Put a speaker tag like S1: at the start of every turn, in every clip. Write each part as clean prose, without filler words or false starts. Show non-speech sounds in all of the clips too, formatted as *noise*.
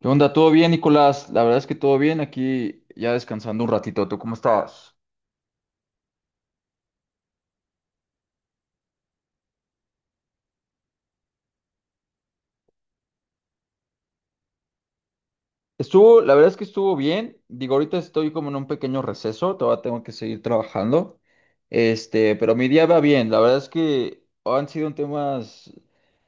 S1: ¿Qué onda? ¿Todo bien, Nicolás? La verdad es que todo bien, aquí ya descansando un ratito. ¿Tú cómo estabas? Estuvo, la verdad es que estuvo bien. Digo, ahorita estoy como en un pequeño receso, todavía tengo que seguir trabajando. Este, pero mi día va bien. La verdad es que han sido temas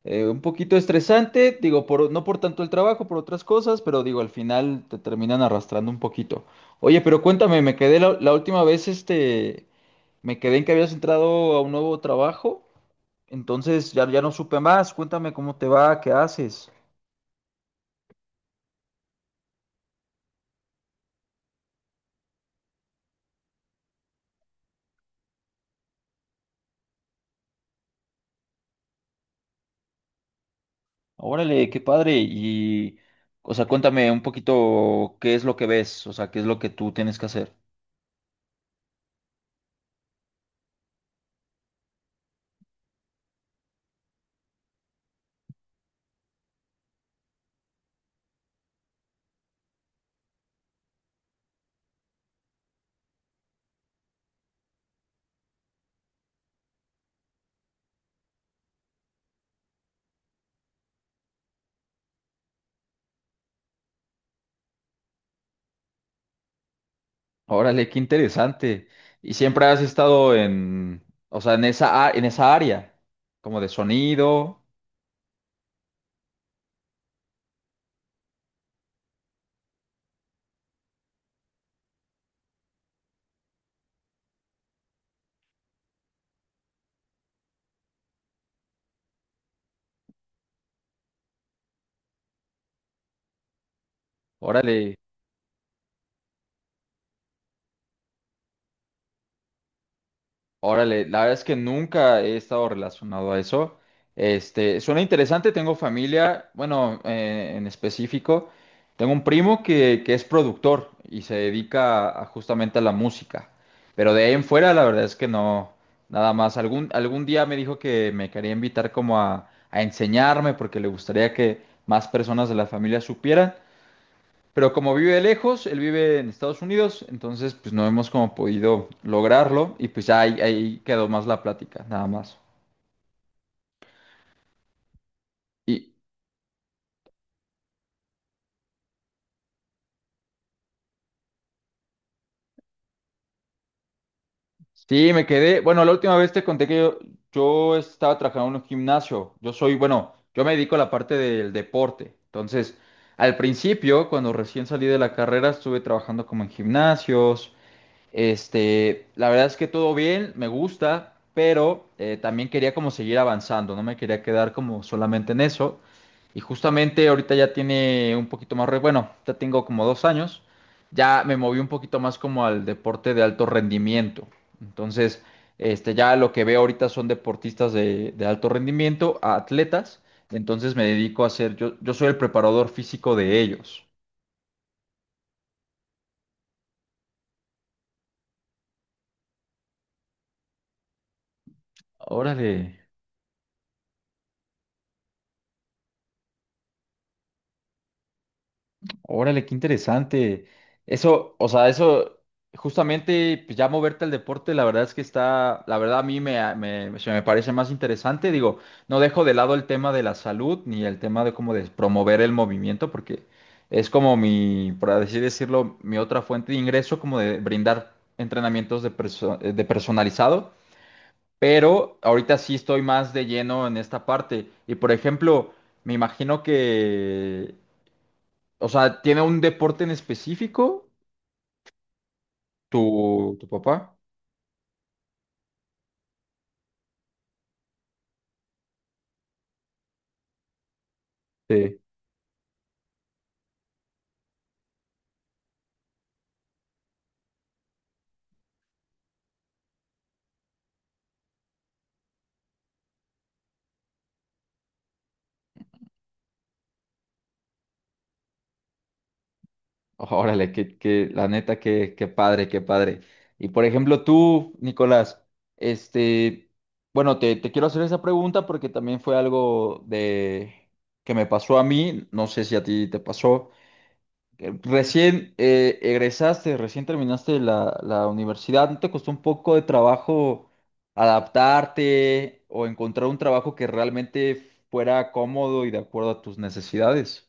S1: un poquito estresante, digo, por, no por tanto el trabajo, por otras cosas, pero digo, al final te terminan arrastrando un poquito. Oye, pero cuéntame, me quedé la última vez, este, me quedé en que habías entrado a un nuevo trabajo. Entonces ya no supe más. Cuéntame cómo te va, qué haces. Órale, qué padre. Y, o sea, cuéntame un poquito qué es lo que ves, o sea, qué es lo que tú tienes que hacer. Órale, qué interesante. Y siempre has estado en, o sea, en esa, en esa área, como de sonido. Órale. Órale, la verdad es que nunca he estado relacionado a eso. Este, suena interesante, tengo familia, bueno, en específico, tengo un primo que es productor y se dedica a justamente a la música. Pero de ahí en fuera, la verdad es que no, nada más. Algún día me dijo que me quería invitar como a enseñarme porque le gustaría que más personas de la familia supieran, pero como vive lejos, él vive en Estados Unidos, entonces pues no hemos como podido lograrlo y pues ahí quedó más la plática, nada más. Y sí, me quedé, bueno, la última vez te conté que yo estaba trabajando en un gimnasio, yo soy, bueno, yo me dedico a la parte del deporte, entonces al principio, cuando recién salí de la carrera, estuve trabajando como en gimnasios. Este, la verdad es que todo bien, me gusta, pero también quería como seguir avanzando, no me quería quedar como solamente en eso. Y justamente ahorita ya tiene un poquito más, bueno, ya tengo como dos años, ya me moví un poquito más como al deporte de alto rendimiento. Entonces, este, ya lo que veo ahorita son deportistas de alto rendimiento, a atletas. Entonces me dedico a ser, yo soy el preparador físico de ellos. Órale. Órale, qué interesante. Eso, o sea, eso, justamente, pues ya moverte al deporte, la verdad es que está, la verdad a mí me, se me parece más interesante. Digo, no dejo de lado el tema de la salud ni el tema de como de promover el movimiento, porque es como mi, por así decirlo, mi otra fuente de ingreso, como de brindar entrenamientos de, de personalizado. Pero ahorita sí estoy más de lleno en esta parte. Y por ejemplo, me imagino que o sea, ¿tiene un deporte en específico tu papá? Sí. *laughs* Órale, que, la neta, qué, qué padre, qué padre. Y por ejemplo, tú, Nicolás, este, bueno, te quiero hacer esa pregunta porque también fue algo de que me pasó a mí, no sé si a ti te pasó. Recién egresaste, recién terminaste la universidad, ¿no te costó un poco de trabajo adaptarte o encontrar un trabajo que realmente fuera cómodo y de acuerdo a tus necesidades?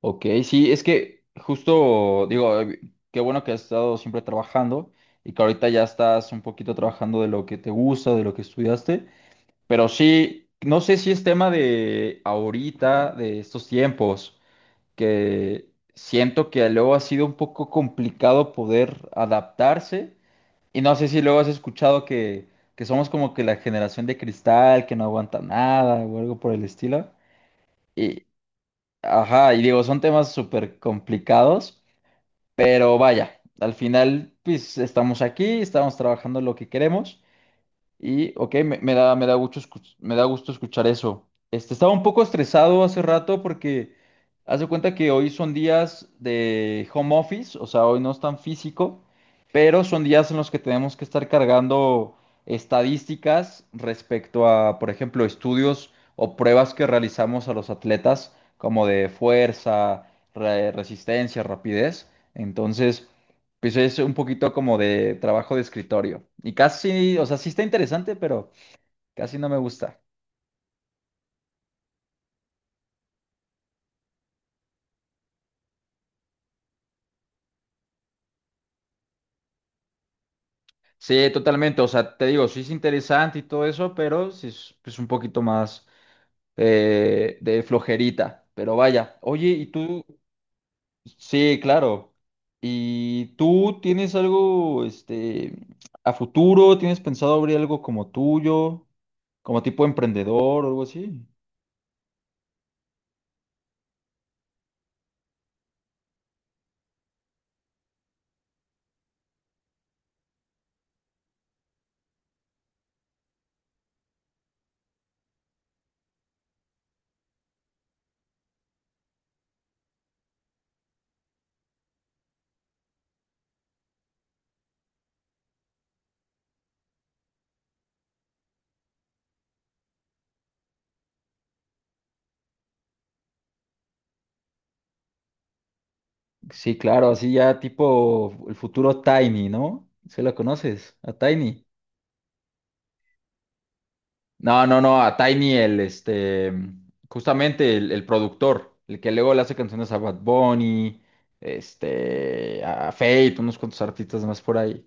S1: Ok, sí, es que justo digo, qué bueno que has estado siempre trabajando y que ahorita ya estás un poquito trabajando de lo que te gusta, de lo que estudiaste, pero sí, no sé si es tema de ahorita, de estos tiempos, que siento que luego ha sido un poco complicado poder adaptarse. Y no sé si luego has escuchado que somos como que la generación de cristal, que no aguanta nada o algo por el estilo. Y, ajá, y digo, son temas súper complicados, pero vaya, al final, pues estamos aquí, estamos trabajando lo que queremos. Y, ok, me, me da gusto, me da gusto escuchar eso. Este, estaba un poco estresado hace rato porque haz de cuenta que hoy son días de home office, o sea, hoy no es tan físico, pero son días en los que tenemos que estar cargando estadísticas respecto a, por ejemplo, estudios o pruebas que realizamos a los atletas, como de fuerza, resistencia, rapidez. Entonces... pues es un poquito como de trabajo de escritorio. Y casi, o sea, sí está interesante, pero casi no me gusta. Sí, totalmente. O sea, te digo, sí es interesante y todo eso, pero sí es pues, un poquito más de flojerita. Pero vaya. Oye, ¿y tú? Sí, claro. ¿Y tú tienes algo, este, a futuro? ¿Tienes pensado abrir algo como tuyo? ¿Como tipo emprendedor o algo así? Sí, claro, así ya tipo el futuro Tiny, ¿no? ¿Sí lo conoces? A Tiny. No, no, no, a Tiny el, este, justamente el productor, el que luego le hace canciones a Bad Bunny, este, a Fate, unos cuantos artistas más por ahí.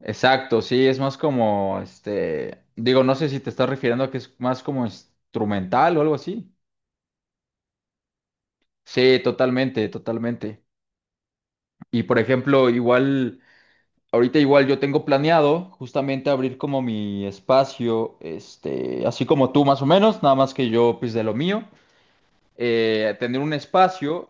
S1: Exacto, sí, es más como, este, digo, no sé si te estás refiriendo a que es más como instrumental o algo así. Sí, totalmente, totalmente. Y por ejemplo, igual... ahorita igual yo tengo planeado justamente abrir como mi espacio, este, así como tú más o menos, nada más que yo pues de lo mío, tener un espacio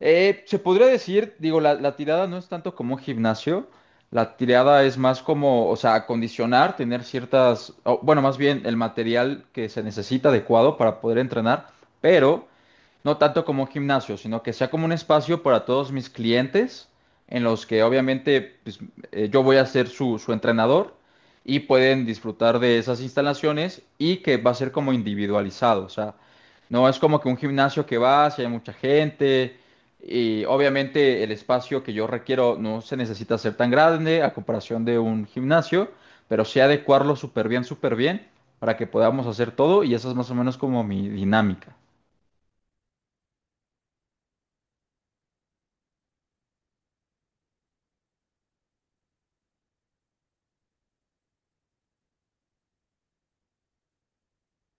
S1: se podría decir, digo, la tirada no es tanto como un gimnasio, la tirada es más como, o sea, acondicionar, tener ciertas, o, bueno, más bien el material que se necesita adecuado para poder entrenar, pero no tanto como un gimnasio, sino que sea como un espacio para todos mis clientes, en los que obviamente pues, yo voy a ser su, su entrenador y pueden disfrutar de esas instalaciones y que va a ser como individualizado, o sea, no es como que un gimnasio que vas y hay mucha gente y obviamente el espacio que yo requiero no se necesita ser tan grande a comparación de un gimnasio, pero sí adecuarlo súper bien para que podamos hacer todo y esa es más o menos como mi dinámica.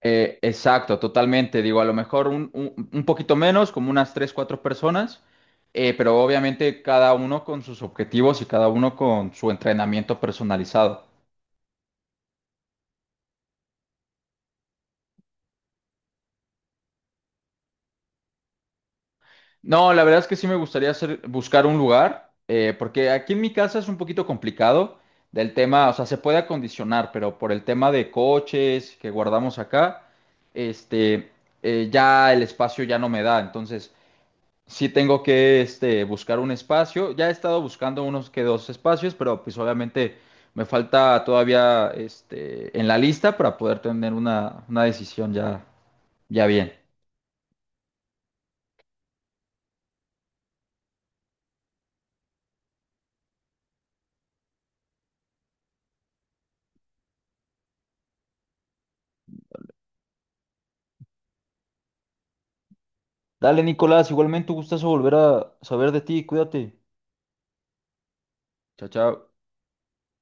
S1: Exacto, totalmente. Digo, a lo mejor un, un poquito menos, como unas tres, cuatro personas, pero obviamente cada uno con sus objetivos y cada uno con su entrenamiento personalizado. No, la verdad es que sí me gustaría hacer, buscar un lugar, porque aquí en mi casa es un poquito complicado del tema, o sea, se puede acondicionar, pero por el tema de coches que guardamos acá, este, ya el espacio ya no me da, entonces sí tengo que, este, buscar un espacio. Ya he estado buscando unos que dos espacios, pero pues obviamente me falta todavía, este, en la lista para poder tener una decisión ya, ya bien. Dale, Nicolás, igualmente un gustazo volver a saber de ti, cuídate. Chao, chao.